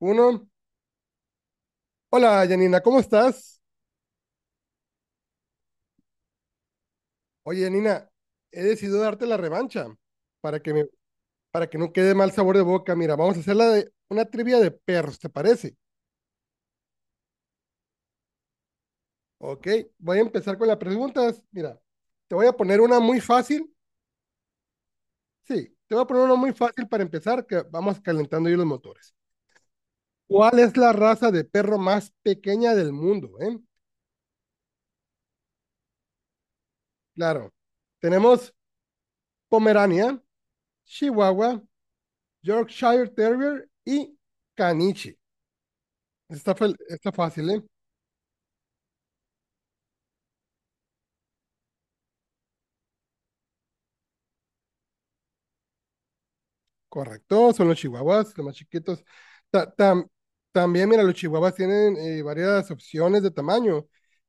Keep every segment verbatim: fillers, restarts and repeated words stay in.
Uno. Hola, Janina, ¿cómo estás? Oye, Janina, he decidido darte la revancha para que me, para que no quede mal sabor de boca. Mira, vamos a hacer la de una trivia de perros, ¿te parece? Ok, voy a empezar con las preguntas. Mira, te voy a poner una muy fácil. Sí, te voy a poner una muy fácil para empezar, que vamos calentando yo los motores. ¿Cuál es la raza de perro más pequeña del mundo, eh? Claro, tenemos Pomerania, Chihuahua, Yorkshire Terrier y Caniche. Está, fel- está fácil, ¿eh? Correcto, son los chihuahuas, los más chiquitos. Ta- tam- También, mira, los chihuahuas tienen eh, varias opciones de tamaño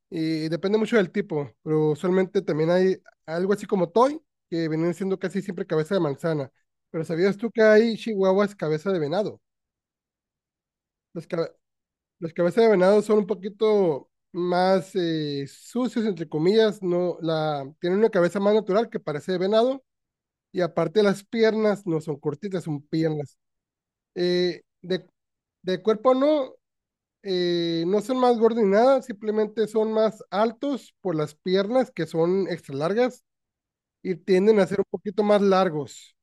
y depende mucho del tipo, pero usualmente también hay algo así como toy, que vienen siendo casi siempre cabeza de manzana. Pero ¿sabías tú que hay chihuahuas cabeza de venado? Los, ca- los cabezas de venado son un poquito más eh, sucios, entre comillas, no, la, tienen una cabeza más natural que parece de venado. Y aparte las piernas no son cortitas, son piernas. Eh, de, de cuerpo no, eh, no son más gordos ni nada, simplemente son más altos por las piernas que son extra largas y tienden a ser un poquito más largos.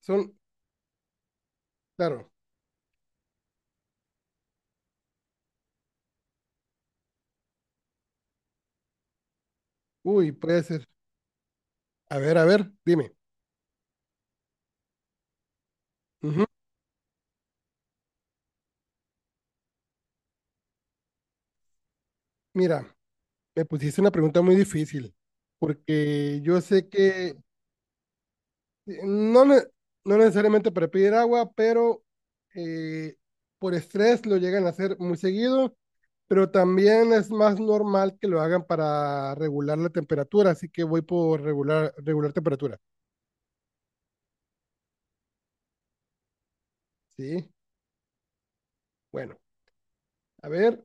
Son, claro. Uy, puede ser. A ver, a ver, dime. Ujú. Mira, me pusiste una pregunta muy difícil porque yo sé que No, ne- no necesariamente para pedir agua, pero eh, por estrés lo llegan a hacer muy seguido, pero también es más normal que lo hagan para regular la temperatura, así que voy por regular, regular temperatura. Sí, bueno, a ver,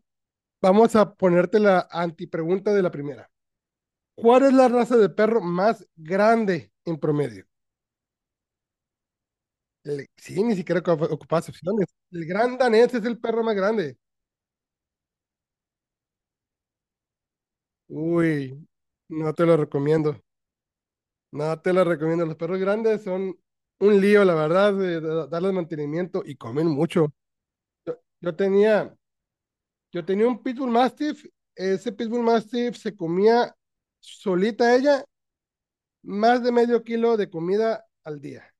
vamos a ponerte la antipregunta de la primera. ¿Cuál es la raza de perro más grande en promedio? El- sí, ni siquiera ocu- ocupas opciones. El gran danés es el perro más grande. Uy, no te lo recomiendo. No, te la recomiendo. Los perros grandes son un lío, la verdad, de de darles mantenimiento y comen mucho. Yo tenía, yo tenía un Pitbull Mastiff. Ese Pitbull Mastiff se comía solita ella más de medio kilo de comida al día.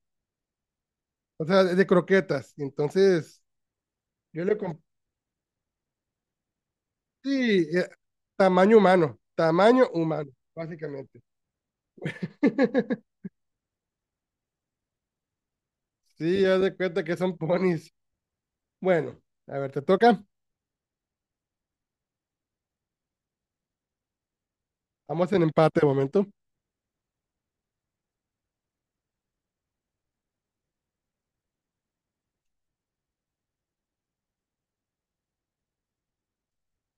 O sea, de, de croquetas. Entonces, yo le compré, sí, eh, tamaño humano, tamaño humano, básicamente. Sí, ya de cuenta que son ponis. Bueno, a ver, te toca. Vamos en empate de momento.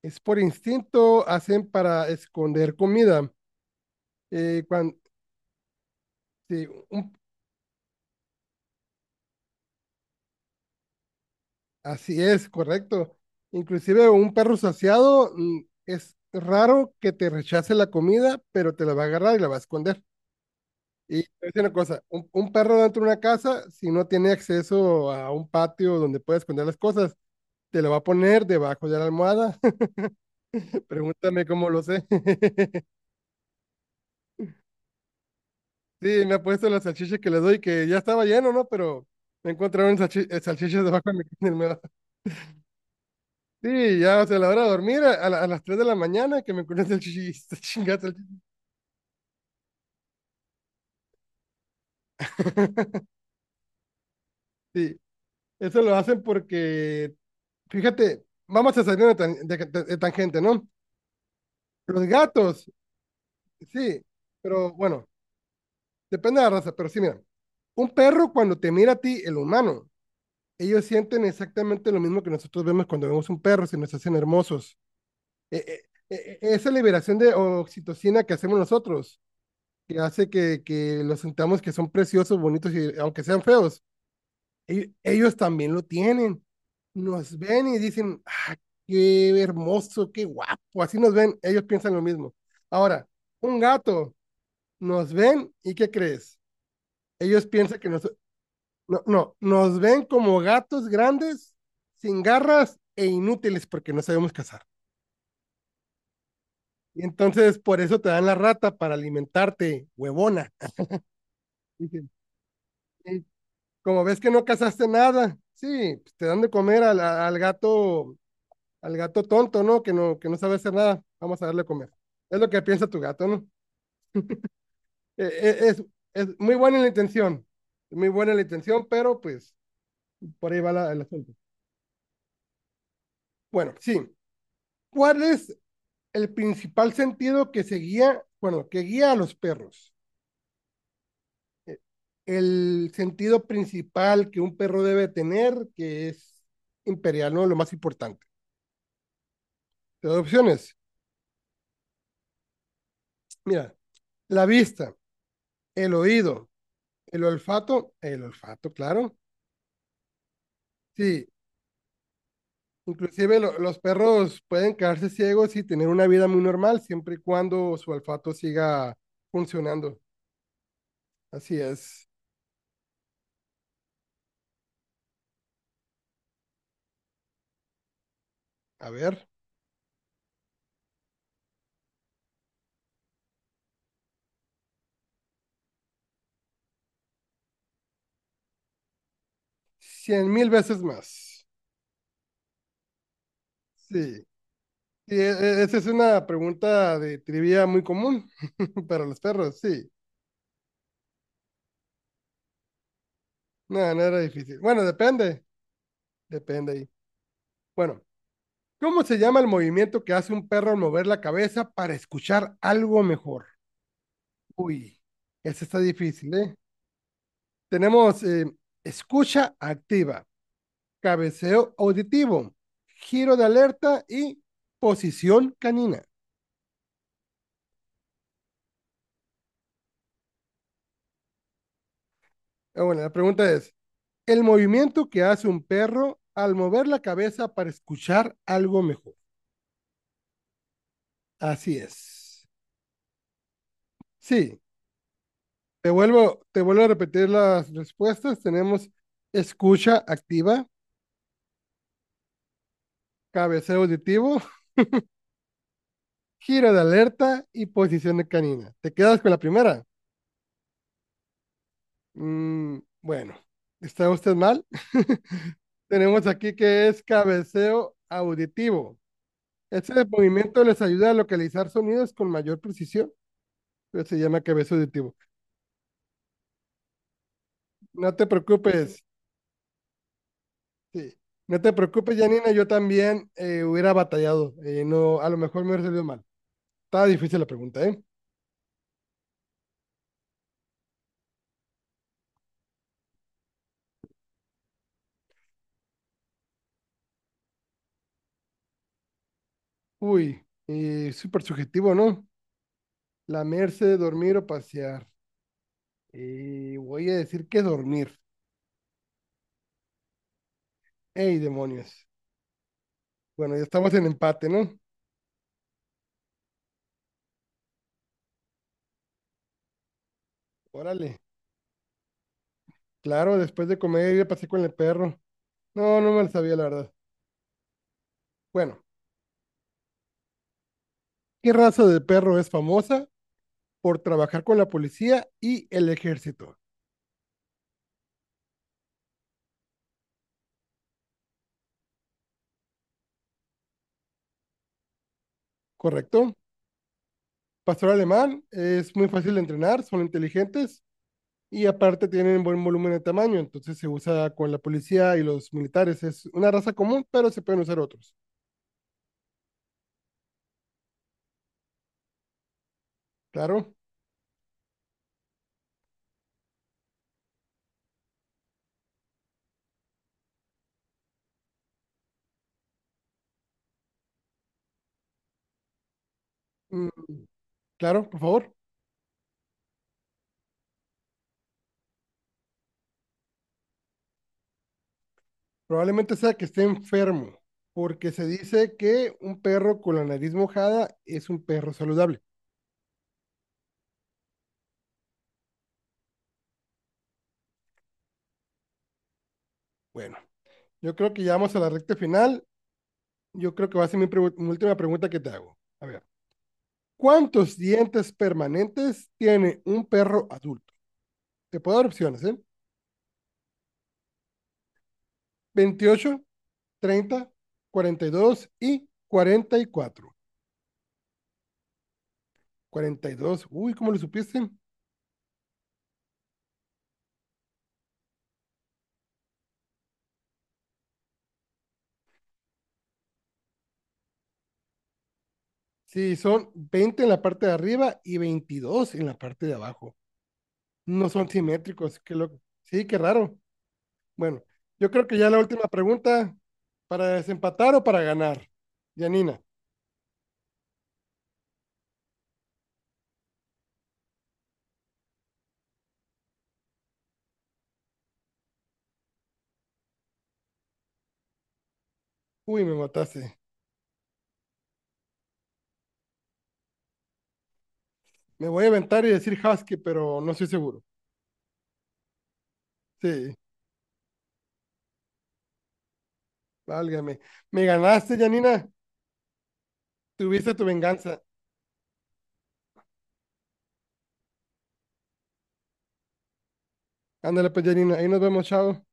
Es por instinto, hacen para esconder comida. Eh, cuan- sí, un- Así es, correcto. Inclusive un perro saciado mm, es raro que te rechace la comida, pero te la va a agarrar y la va a esconder. Y te voy a decir una cosa, un, un perro dentro de una casa, si no tiene acceso a un patio donde pueda esconder las cosas, te lo va a poner debajo de la almohada. Pregúntame cómo lo sé. Sí, me ha puesto las salchichas que le doy, que ya estaba lleno, ¿no? Pero me encontraron salchi- eh, salchichas debajo de mi en el mero- Sí, ya, o sea, a la hora de dormir, a, a la- a las tres de la mañana, que me encontré salchichas, chingada salchicha. Sí, eso lo hacen porque, fíjate, vamos a salir de, tan- de- de- de tangente, ¿no? Los gatos, sí, pero bueno, depende de la raza, pero sí, mira, un perro cuando te mira a ti, el humano, ellos sienten exactamente lo mismo que nosotros vemos cuando vemos un perro, se nos hacen hermosos. eh, eh, Esa liberación de oxitocina que hacemos nosotros, que hace que, que los sentamos que son preciosos, bonitos, y aunque sean feos, e- ellos también lo tienen. Nos ven y dicen, ah, qué hermoso, qué guapo, así nos ven, ellos piensan lo mismo. Ahora, un gato, nos ven y ¿qué crees? Ellos piensan que nos, no, no, nos ven como gatos grandes, sin garras e inútiles porque no sabemos cazar. Y entonces por eso te dan la rata para alimentarte, huevona. Dije, "Y como ves que no cazaste nada, sí, pues te dan de comer al, a- al gato, al gato tonto, ¿no? Que no, que no sabe hacer nada. Vamos a darle a comer. Es lo que piensa tu gato, ¿no? Eh, eh, es, es muy buena la intención, muy buena la intención, pero pues por ahí va la- el asunto. Bueno, sí. ¿Cuál es el principal sentido que se guía, bueno, que guía a los perros? eh, el sentido principal que un perro debe tener, que es imperial, ¿no? Lo más importante. Las opciones, mira, la vista, el oído, el olfato, el olfato, claro. Sí, inclusive lo- los perros pueden quedarse ciegos y tener una vida muy normal siempre y cuando su olfato siga funcionando. Así es. A ver, cien mil veces más. Sí. Sí, e- e- Esa es una pregunta de trivia muy común para los perros, sí. No, no era difícil. Bueno, depende, depende ahí. Bueno, ¿cómo se llama el movimiento que hace un perro al mover la cabeza para escuchar algo mejor? Uy, ese está difícil, ¿eh? Tenemos eh, escucha activa, cabeceo auditivo, giro de alerta y posición canina. Ah, bueno, la pregunta es, ¿el movimiento que hace un perro al mover la cabeza para escuchar algo mejor? Así es. Sí, Te vuelvo, te vuelvo a repetir las respuestas. Tenemos escucha activa, cabeceo auditivo, giro de alerta y posición de canina. ¿Te quedas con la primera? Mm, bueno, está usted mal. Tenemos aquí que es cabeceo auditivo. Este movimiento les ayuda a localizar sonidos con mayor precisión, pero se llama cabeceo auditivo. No te preocupes, sí. No te preocupes, Janina, yo también eh, hubiera batallado. Eh, no, a lo mejor me hubiera salido mal. Está difícil la pregunta, ¿eh? Uy, eh, súper subjetivo, ¿no? Lamerse, dormir o pasear. Eh, voy a decir que dormir. ¡Ey, demonios! Bueno, ya estamos en empate, ¿no? Órale. Claro, después de comer, ir a pasear con el perro. No, no me lo sabía, la verdad. Bueno, ¿qué raza de perro es famosa por trabajar con la policía y el ejército? ¿Correcto? Pastor alemán, es muy fácil de entrenar, son inteligentes y aparte tienen buen volumen de tamaño, entonces se usa con la policía y los militares. Es una raza común, pero se pueden usar otros. Claro, mm, claro, por favor. Probablemente sea que esté enfermo, porque se dice que un perro con la nariz mojada es un perro saludable. Bueno, yo creo que ya vamos a la recta final. Yo creo que va a ser mi, pregu- mi última pregunta que te hago. A ver, ¿cuántos dientes permanentes tiene un perro adulto? Te puedo dar opciones, ¿eh? Veintiocho, treinta, cuarenta y dos y y cuarenta cuarenta cuatro. Cuarenta y dos, uy, ¿cómo lo supiste? Sí, son veinte en la parte de arriba y veintidós en la parte de abajo. No son simétricos, qué loco. Sí, qué raro. Bueno, yo creo que ya la última pregunta, ¿para desempatar o para ganar? Yanina, uy, me mataste. Me voy a inventar y decir Husky, pero no estoy seguro. Sí, válgame. Me ganaste, Yanina. Tuviste tu venganza. Ándale, pues, Yanina. Ahí nos vemos, chao.